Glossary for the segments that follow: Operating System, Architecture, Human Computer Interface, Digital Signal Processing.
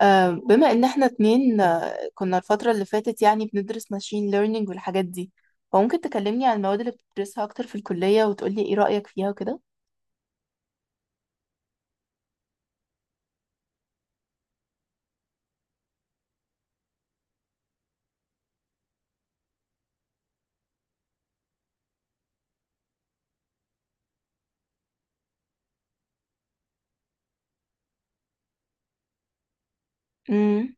بما ان احنا اتنين كنا الفترة اللي فاتت، يعني بندرس ماشين ليرنينج والحاجات دي. فممكن تكلمني عن المواد اللي بتدرسها اكتر في الكلية وتقولي ايه رأيك فيها وكده؟ امم.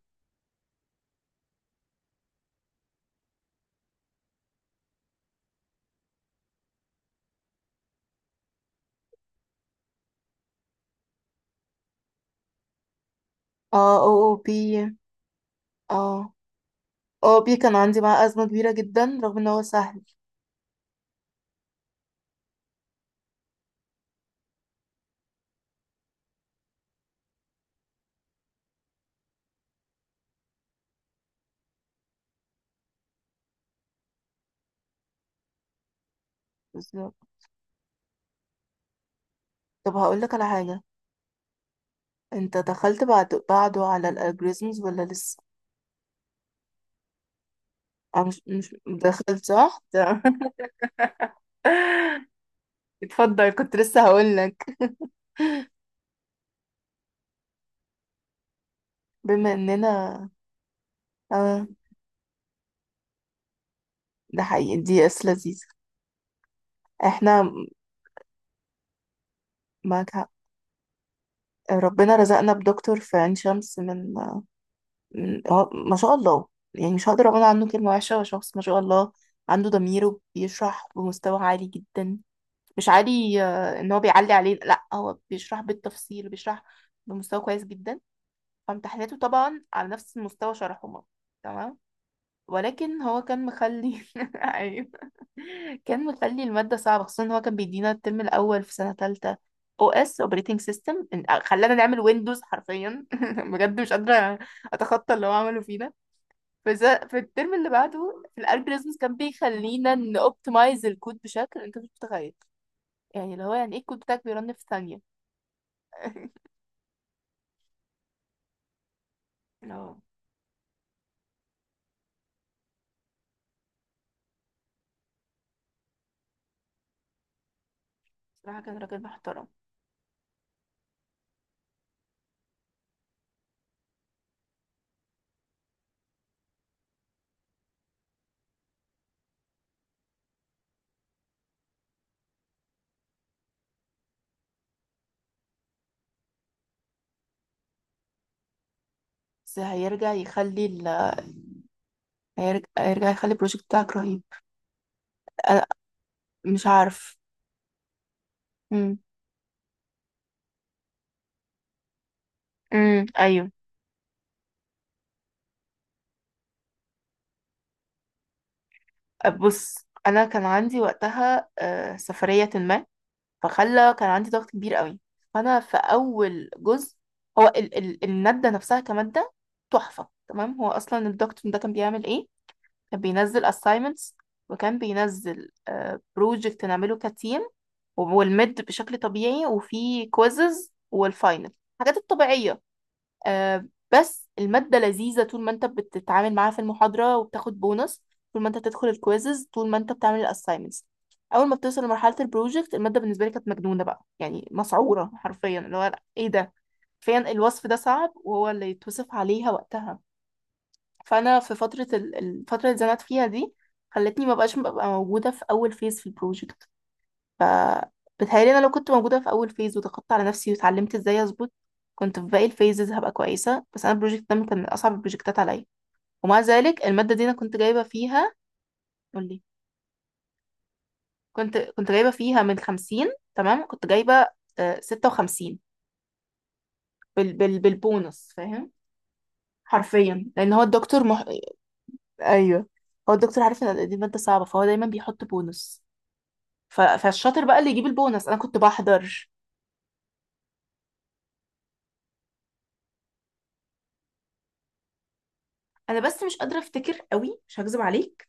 اه، او او بي. اه، او بي كان عندي معاه أزمة كبيرة جدا، رغم ان هو سهل. بالظبط. طب هقولك على حاجة. انت دخلت بعده على الالجوريزمز، ولا لسه؟ مش دخلت صح. اتفضل. كنت لسه هقولك. بما اننا اه ده حقيقي. دي اس لذيذة. احنا معاك حق. ربنا رزقنا بدكتور في عين شمس، من هو، ما شاء الله. يعني مش هقدر اقول عنه كلمة وحشة. هو شخص ما شاء الله، عنده ضميره، بيشرح بمستوى عالي جدا. مش عالي ان هو بيعلي عليه، لا، هو بيشرح بالتفصيل، بيشرح بمستوى كويس جدا. فامتحاناته طبعا على نفس مستوى شرحه. تمام. ولكن هو كان مخلي. ايوه. كان مخلي المادة صعبة، خصوصا ان هو كان بيدينا الترم الاول في سنة تالتة. او اس، اوبريتنج سيستم. خلانا نعمل ويندوز حرفيا. بجد مش قادرة اتخطى اللي هو عمله فينا. في ز- في الترم اللي بعده، في الالجوريزمز، كان بيخلينا نوبتمايز الكود بشكل انت مش متخيل. يعني اللي هو، يعني ايه، الكود بتاعك بيرن في ثانية. اه، بصراحة كان راجل محترم. بس هيرجع يخلي البروجكت بتاعك رهيب. أنا مش عارف. مم. امم. ايوه. بص، انا كان عندي وقتها سفريه ما، فخلى كان عندي ضغط كبير قوي. فانا في اول جزء. هو ال ال الماده نفسها كماده تحفه. تمام. هو اصلا الدكتور ده كان بيعمل ايه؟ كان بينزل assignments، وكان بينزل بروجكت نعمله كتيم، والميد بشكل طبيعي، وفي كويزز والفاينل، الحاجات الطبيعيه. آه، بس المادة لذيذة طول ما انت بتتعامل معاها في المحاضرة وبتاخد بونص، طول ما انت بتدخل الكويزز، طول ما انت بتعمل الاساينمنتس. اول ما بتوصل لمرحلة البروجكت، المادة بالنسبة لي كانت مجنونة بقى، يعني مسعورة حرفيا، اللي هو لأ، ايه ده، فين الوصف ده صعب وهو اللي يتوصف عليها وقتها. فانا في الفترة اللي اتزنقت فيها دي، خلتني ما بقاش ببقى موجودة في اول فيز في البروجكت. فبتهيألي انا لو كنت موجودة في اول فيز وضغطت على نفسي واتعلمت ازاي اظبط، كنت في باقي الفيزز هبقى كويسة. بس انا البروجكت ده كان من اصعب البروجكتات عليا. ومع ذلك المادة دي انا كنت جايبة فيها. قولي. كنت جايبة فيها من 50، تمام، كنت جايبة 56 بالبونص، فاهم؟ حرفيا، لان هو الدكتور. ايوه. هو الدكتور عارف ان دي مادة صعبة، فهو دايما بيحط بونص. فالشاطر بقى اللي يجيب البونص. انا كنت بحضر. انا بس مش قادرة افتكر قوي، مش هكذب عليك.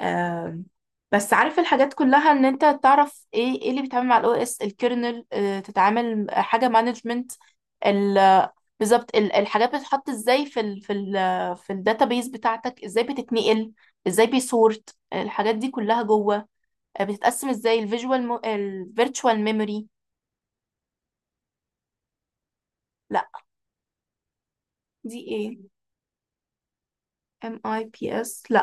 آم، بس عارف الحاجات كلها، ان انت تعرف ايه ايه اللي بيتعامل مع الاو اس الكيرنل، تتعامل حاجه مانجمنت. بالظبط. الحاجات بتتحط ازاي في الداتابيز بتاعتك، ازاي بتتنقل، ازاي بيسورت الحاجات دي كلها جوه. بتتقسم ازاي الفيرتشوال ميموري. لا. دي ايه؟ ام اي بي اس. لا.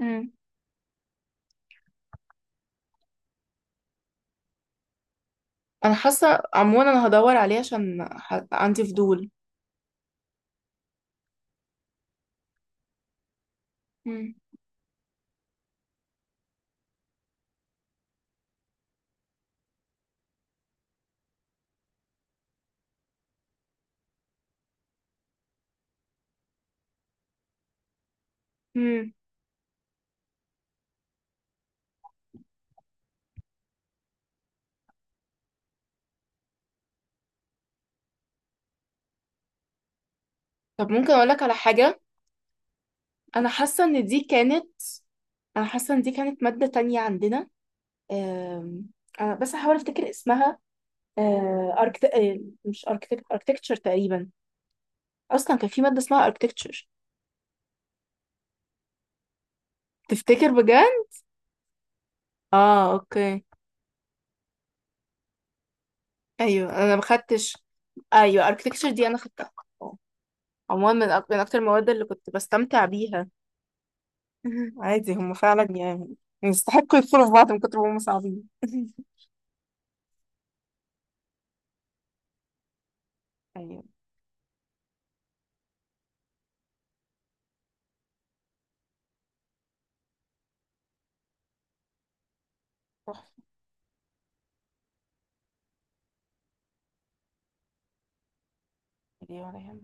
امم. انا حاسه عموما انا هدور عليه عشان عندي فضول. امم. طب ممكن اقولك على حاجه. انا حاسه ان دي كانت انا حاسه ان دي كانت ماده تانية عندنا. أم، أنا بس هحاول افتكر اسمها. أه، أركت... أه، مش أركتك... اركتكتشر تقريبا. اصلا كان في ماده اسمها اركتكتشر. تفتكر بجد؟ اه. اوكي. ايوه، انا ما خدتش. ايوه، اركتكتشر دي انا خدتها. آه. عموما من اكتر المواد اللي كنت بستمتع بيها. عادي، هم فعلا يعني يستحقوا يدخلوا في بعض من كتر ما هم صعبين. ايوه. تحفة.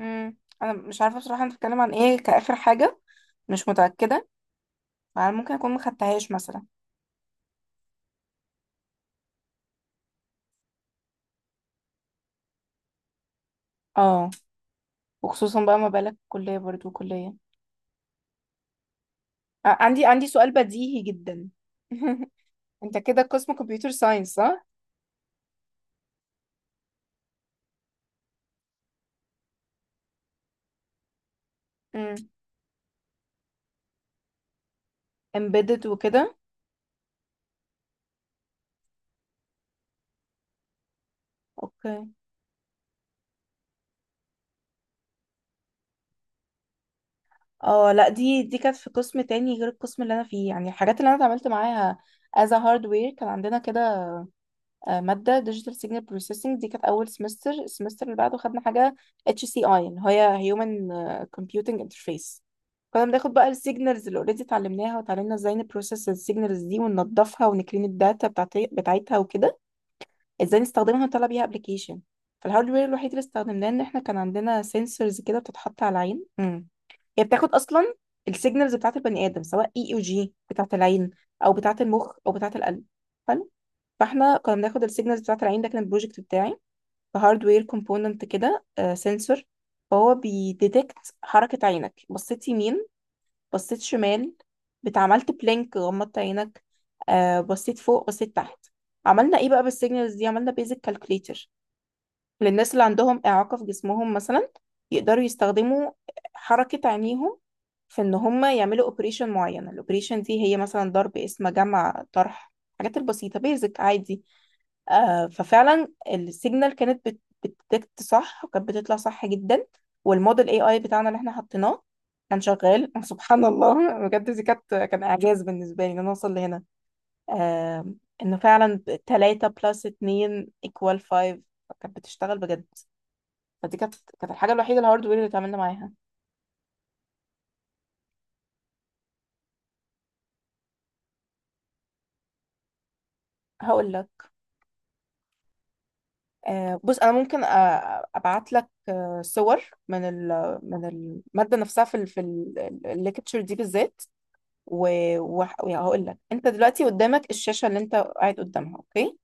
امم، انا مش عارفه بصراحه انت بتتكلم عن ايه كاخر حاجه، مش متاكده، فانا ممكن اكون مخدتهاش مثلا. اه، وخصوصا بقى ما بالك، كليه برضو كليه. عندي سؤال بديهي جدا. انت كده قسم كمبيوتر ساينس، صح؟ امم، امبيدد وكده. اوكي. اه، لا، دي كانت في قسم تاني غير القسم اللي انا فيه، يعني الحاجات اللي انا اتعاملت معاها as a hardware كان عندنا كده. ماده ديجيتال سيجنال بروسيسنج دي كانت اول سمستر. السمستر اللي بعده خدنا حاجه اتش سي اي، اللي هي هيومن كومبيوتنج انترفيس. كنا بناخد بقى السيجنالز اللي اوريدي اتعلمناها، وتعلمنا ازاي نبروسس السيجنالز دي وننضفها ونكرين الداتا بتاعتها، وكده ازاي نستخدمها ونطلع بيها ابلكيشن. فالهاردوير الوحيد اللي استخدمناه، ان احنا كان عندنا سنسورز كده بتتحط على العين. امم. هي بتاخد اصلا السيجنالز بتاعت البني ادم، سواء اي او جي بتاعت العين، او بتاعت المخ، او بتاعت القلب. حلو. فاحنا كنا بناخد السيجنالز بتاعت العين. ده كان البروجكت بتاعي. فهاردوير كومبوننت كده، سنسور. فهو بيديتكت حركة عينك، بصيت يمين، بصيت شمال، بتعملت بلينك، غمضت عينك، بصيت فوق، بصيت تحت. عملنا ايه بقى بالسيجنالز دي؟ عملنا بيزك كالكوليتر للناس اللي عندهم إعاقة في جسمهم مثلا، يقدروا يستخدموا حركة عينيهم في ان هم يعملوا اوبريشن معين. الاوبريشن دي هي مثلا ضرب، اسم، جمع، طرح، الحاجات البسيطة، بيزك عادي. ففعلا السيجنال كانت بتديتكت صح، وكانت بتطلع صح جدا، والموديل اي اي بتاعنا اللي احنا حطيناه كان شغال. سبحان الله، بجد دي كان اعجاز بالنسبه لي ان انا اوصل لهنا. آه انه فعلا 3 بلس 2 ايكوال 5، كانت بتشتغل بجد. فدي كانت الحاجه الوحيده الهاردوير اللي اتعاملنا معاها. هقول لك. بص، انا ممكن ابعت لك صور من الماده نفسها في الليكتشر دي بالذات. وهقول لك. انت دلوقتي قدامك الشاشه اللي انت قاعد قدامها، اوكي.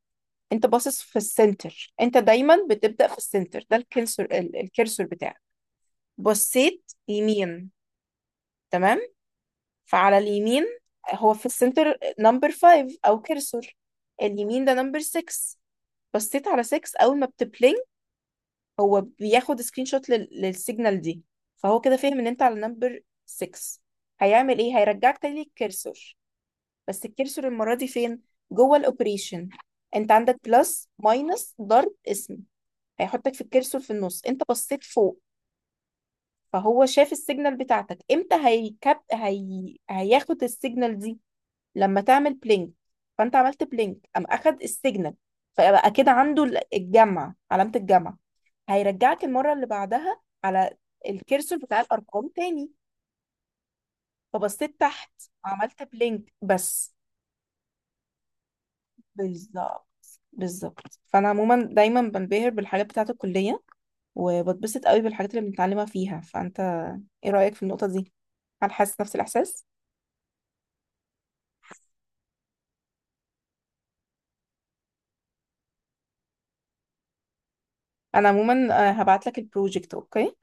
انت باصص في السنتر. انت دايما بتبدا في السنتر. ده الكرسور. الكرسور بتاعك، بصيت يمين. تمام. فعلى اليمين، هو في السنتر نمبر 5 او كرسور، اليمين ده نمبر 6. بصيت على 6 اول ما بتبلينج، هو بياخد سكرين شوت للسيجنال دي. فهو كده فاهم ان انت على نمبر 6. هيعمل ايه؟ هيرجعك تاني للكرسور. بس الكرسور المرة دي فين؟ جوه الاوبريشن. انت عندك بلس، ماينس، ضرب، اسم. هيحطك في الكرسور في النص. انت بصيت فوق، فهو شاف السيجنال بتاعتك. امتى هياخد السيجنال دي؟ لما تعمل بلينك. فانت عملت بلينك، قام اخد السيجنال. فبقى كده عنده الجمع، علامة الجمع. هيرجعك المرة اللي بعدها على الكرسور بتاع الارقام تاني. فبصيت تحت، عملت بلينك بس. بالظبط. بالظبط. فانا عموما دايما بنبهر بالحاجات بتاعه الكليه، وبتبسط قوي بالحاجات اللي بنتعلمها فيها. فانت ايه رايك في النقطه دي؟ هل حاسس نفس الاحساس؟ انا عموما هبعت لك البروجكت. اوكي.